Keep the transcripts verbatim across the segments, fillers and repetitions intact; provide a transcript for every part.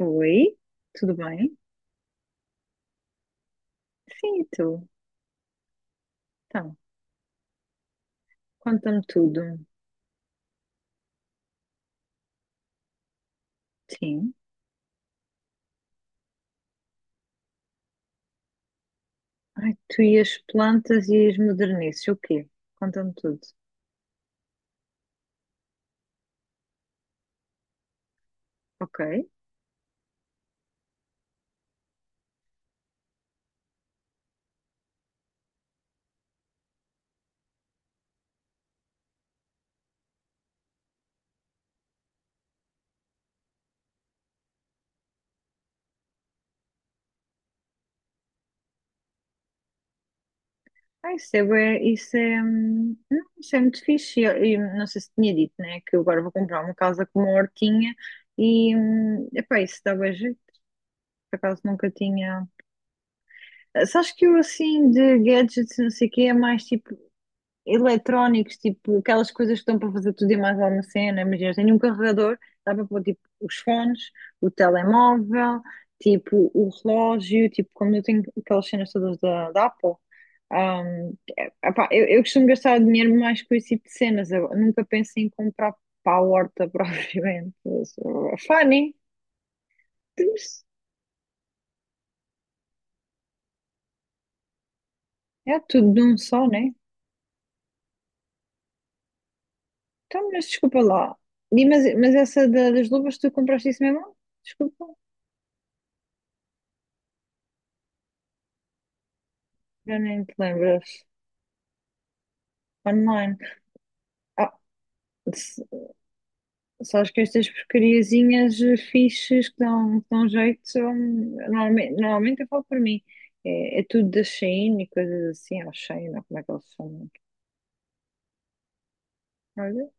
Oi, tudo bem? Sim, e tu? Então, conta-me tudo. Sim. Ai, tu e as plantas e as modernices, o quê? Conta-me tudo. Ok. Ah, isso é, bué- isso é, hum, não, isso é muito fixe. E Eu, eu não sei se tinha dito, né? Que eu agora vou comprar uma casa com uma hortinha e, hum, epá, isso dá bem jeito. Por acaso nunca tinha. Ah, sabes que eu, assim, de gadgets, e não sei o quê, é mais tipo eletrónicos, tipo aquelas coisas que estão para fazer tudo e mais alguma cena. Imagina, tenho um carregador, dá para pôr tipo os fones, o telemóvel, tipo o relógio, tipo como eu tenho aquelas cenas todas da, da Apple. Um, é- epá, eu, eu costumo gastar dinheiro mais com esse tipo de cenas. Eu nunca penso em comprar para a horta propriamente. Mas, uh, funny. Mas é tudo de um só, né? Então, mas desculpa lá. E, mas, mas essa da- das luvas, tu compraste isso mesmo? Desculpa. Já nem te lembras. Online. Ah, s- só acho que estas porcariazinhas eh, fixes que dão, que dão jeito são. Normalmente, normalmente eu falo por mim. É, é tudo da Shein e coisas assim. Ou Shein, ou como é que eles chamam. Olha,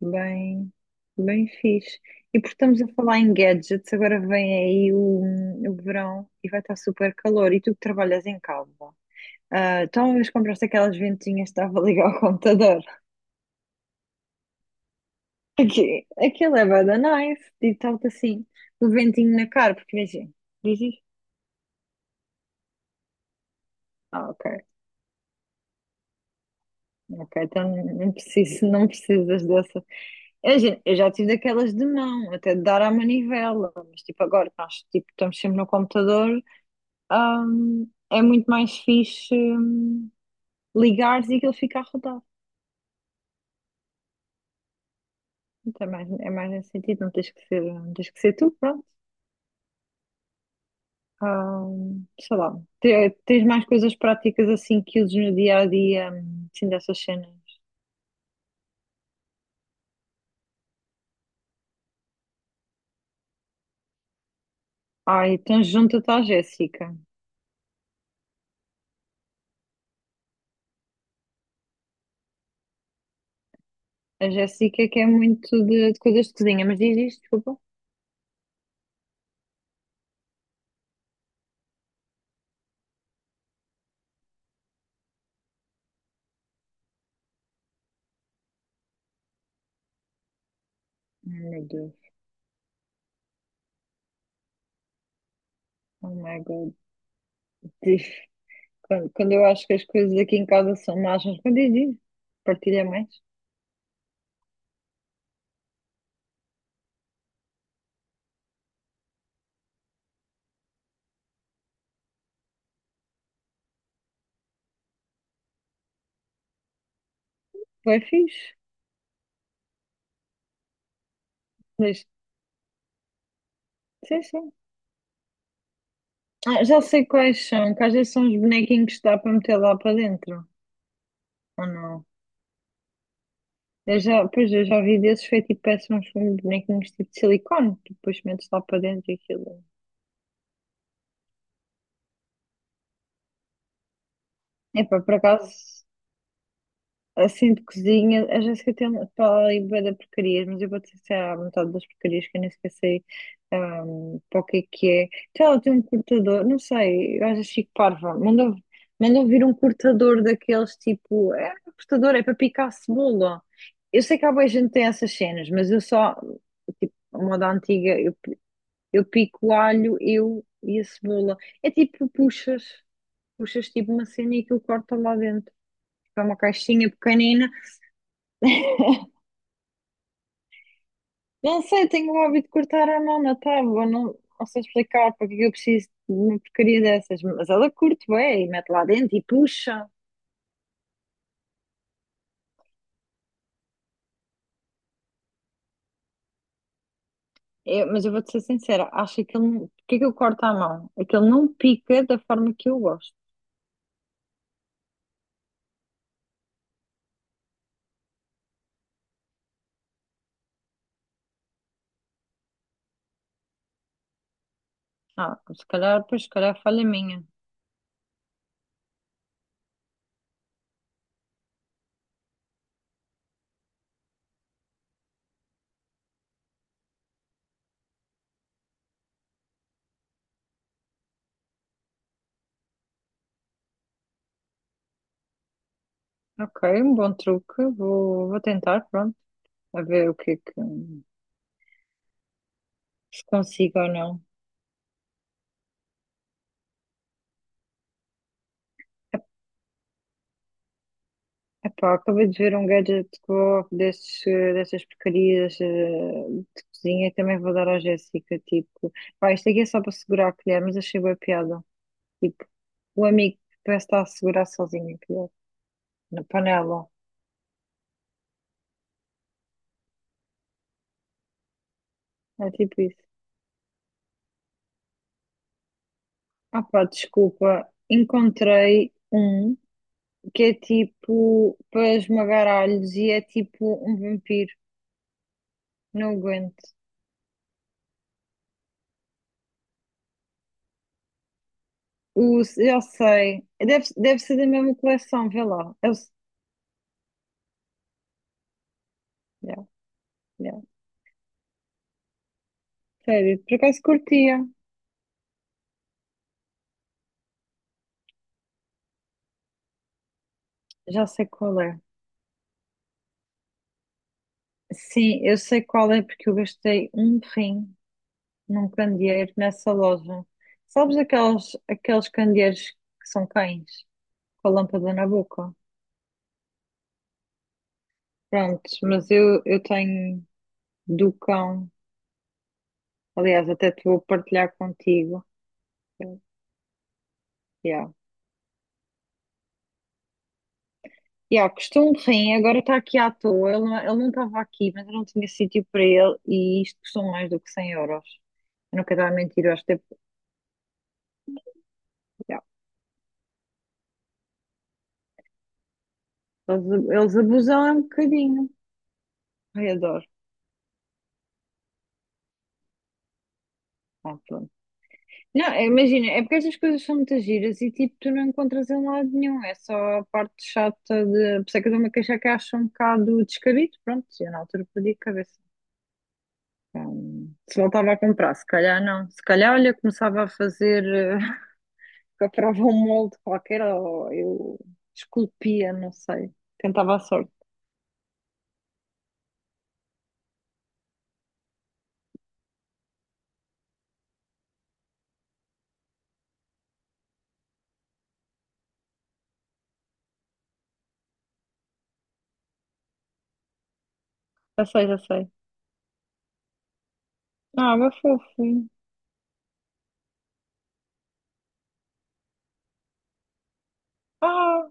bem, bem fixe. E porque estamos a falar em gadgets, agora vem aí o, o verão e vai estar super calor. E tu que trabalhas em casa. Ah, então, uma vez compraste aquelas ventinhas que estava a ligar ao computador. Aqui, aquilo é bué da nice, digo-te assim, o ventinho na cara, porque imagina, diz isto. Ah, ok, ok, então não preciso, não precisas dessa. Imagina, eu já tive daquelas de mão, até de dar à manivela, mas tipo agora que nós tipo, estamos sempre no computador, hum, é muito mais fixe, hum, ligares e aquilo fica a rodar. Então, é mais, é mais nesse sentido, não tens que ser, não tens que ser tu, pronto. Ah, sei lá, Te- tens mais coisas práticas assim que uses no dia a dia, hum, assim dessas cenas. Ai, então junta-te à Jéssica. A Jéssica que é muito de, de coisas de cozinha, mas diz isto, desculpa. Ai, meu Deus, oh my God. Diz- Quando, quando eu acho que as coisas aqui em casa são más, mas quando diz isto, partilha mais. Foi fixe. Diz, sim, sim. Ah, já sei quais são, que às vezes são os bonequinhos que dá para meter lá para dentro, ou não? Eu já, pois, eu já vi desses, foi tipo, parece uns bonequinhos tipo de silicone, que depois metes lá para dentro e aquilo. É, epá, por acaso, assim de cozinha, a Jéssica tem uma fala ali bué da porcarias, mas eu vou te dizer a metade das porcarias que eu nem sequer sei, ahm, para o que é que é. Então ela tem um cortador, não sei, eu acho chique parva, mandou, mandou vir um cortador daqueles tipo, é um cortador, é para picar cebola. Eu sei que há boa gente que tem essas cenas, mas eu só, tipo, a moda antiga, eu Eu pico o alho, eu e a cebola. É tipo, puxas, puxas tipo uma cena e aquilo corta lá dentro. É uma caixinha pequenina. Não sei, tenho o hábito de cortar a mão na tábua, não, não sei explicar porque é que eu preciso de uma porcaria dessas. Mas ela curte bem, e mete lá dentro e puxa. Eu- mas eu vou-te ser sincera, acho que aquilo, porque é que eu corto à mão? É que ele não pica da forma que eu gosto. Ah, se calhar, pois, se calhar é falha minha. Ok, um bom truque, vou, vou tentar, pronto, a ver o que é que se consigo ou não. Epá, acabei de ver um gadget que vou- desses, eh, dessas porcarias eh, de cozinha, também vou dar à Jéssica, tipo, pá, isto aqui é só para segurar a colher, mas achei boa piada. Tipo, o amigo que parece estar a segurar sozinho a colher, na panela, é tipo isso. Ah pá, desculpa, encontrei um que é tipo para esmagar alhos e é tipo um vampiro, não aguento. O, eu sei, deve, deve ser da mesma coleção, vê lá. Yeah, yeah. Sério, por acaso curtia. Já sei qual é. Sim, eu sei qual é porque eu gastei um rim num candeeiro nessa loja. Sabes aqueles, aqueles candeeiros que são cães com a lâmpada na boca? Pronto, mas eu, eu tenho do cão. Aliás, até te vou partilhar contigo. Yeah. Yeah, custou um rim, agora está aqui à toa. Ele, não- ele não estava aqui, mas eu não tinha sítio para ele e isto custou mais do que cem euros. Eu não quero dar a mentir, eu acho que deve- eles, eles abusam é um bocadinho. Ai, adoro. Ah, pronto. Não, é, imagina, é porque estas coisas são muitas giras e tipo, tu não encontras em lado nenhum. É só a parte chata de. Por isso é que eu dou uma queixa que acho um bocado descabido. Pronto, eu na altura perdi a cabeça. Então, se voltava a comprar, se calhar não. Se calhar, olha, começava a fazer, eh, comprava um molde qualquer ou eu esculpia, não sei. Tentava a sorte. Já sei, já sei. Ah, meu fofinho. Ah,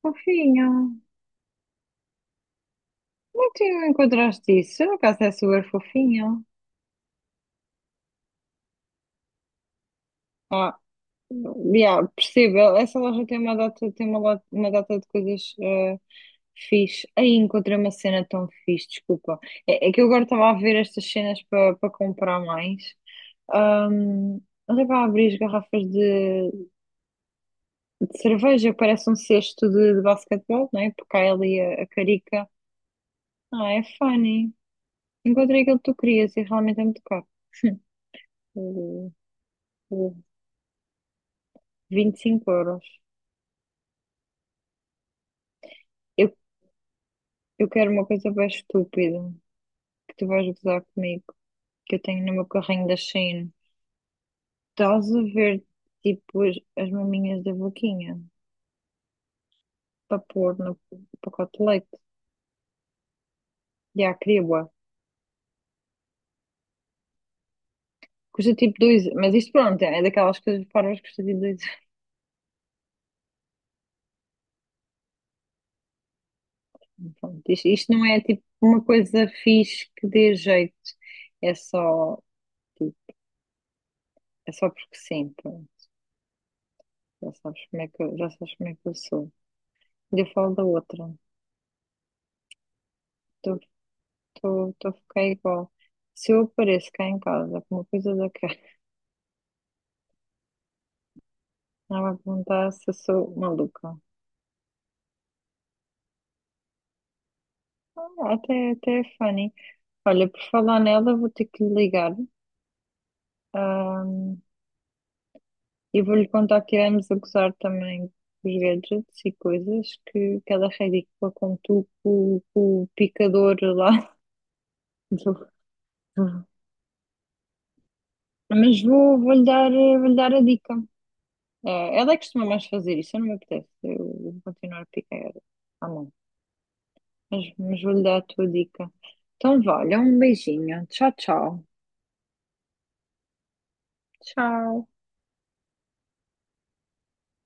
fofinha. Como é que tu não encontraste isso? Eu, no caso, é super fofinho. Ah, yeah, percebo. Essa loja tem uma data, tem uma, lo- uma data de coisas eh, fixe. Aí encontrei uma cena tão fixe, desculpa. É, é que eu agora estava a ver estas cenas para para comprar mais. Ahm, olha, para abrir as garrafas de, de cerveja, parece um cesto de, de basquetebol, não é? Porque há ali a, a carica. Ah, é funny. Encontrei aquilo que tu querias e realmente é muito caro. vinte e cinco euros. Eu, eu quero uma coisa bem estúpida, que tu vais gozar comigo, que eu tenho no meu carrinho da Shein. Estás a ver, tipo, as, as maminhas da boquinha para pôr no pacote de leite. E há criba. Custa tipo dois, mas isto pronto, é daquelas coisas parvas que custa tipo dois. Pronto, isto, isto não é tipo uma coisa fixe que dê jeito. É só, tipo, é só porque sim, pronto. Já sabes como é que eu, já sabes como é que eu sou. E eu falo da outra. Estou a ficar igual. Se eu apareço cá em casa com uma coisa daquela, não vai perguntar se eu sou maluca. Ah, até, até é funny. Olha, por falar nela, vou ter que lhe ligar. ahm, e vou-lhe contar que iremos a gozar também os gadgets e coisas, que, que ela é ridícula como tu, com, com o picador lá. do- do- Mas vou, vou-lhe dar, eh, vou-lhe dar a dica. Eh, ela é que costuma mais fazer isso, eu não me apetece. Eu vou continuar a picar à mão. Mas, mas vou-lhe dar a tua dica. Então, vá, olha, um beijinho. Tchau, tchau. Tchau.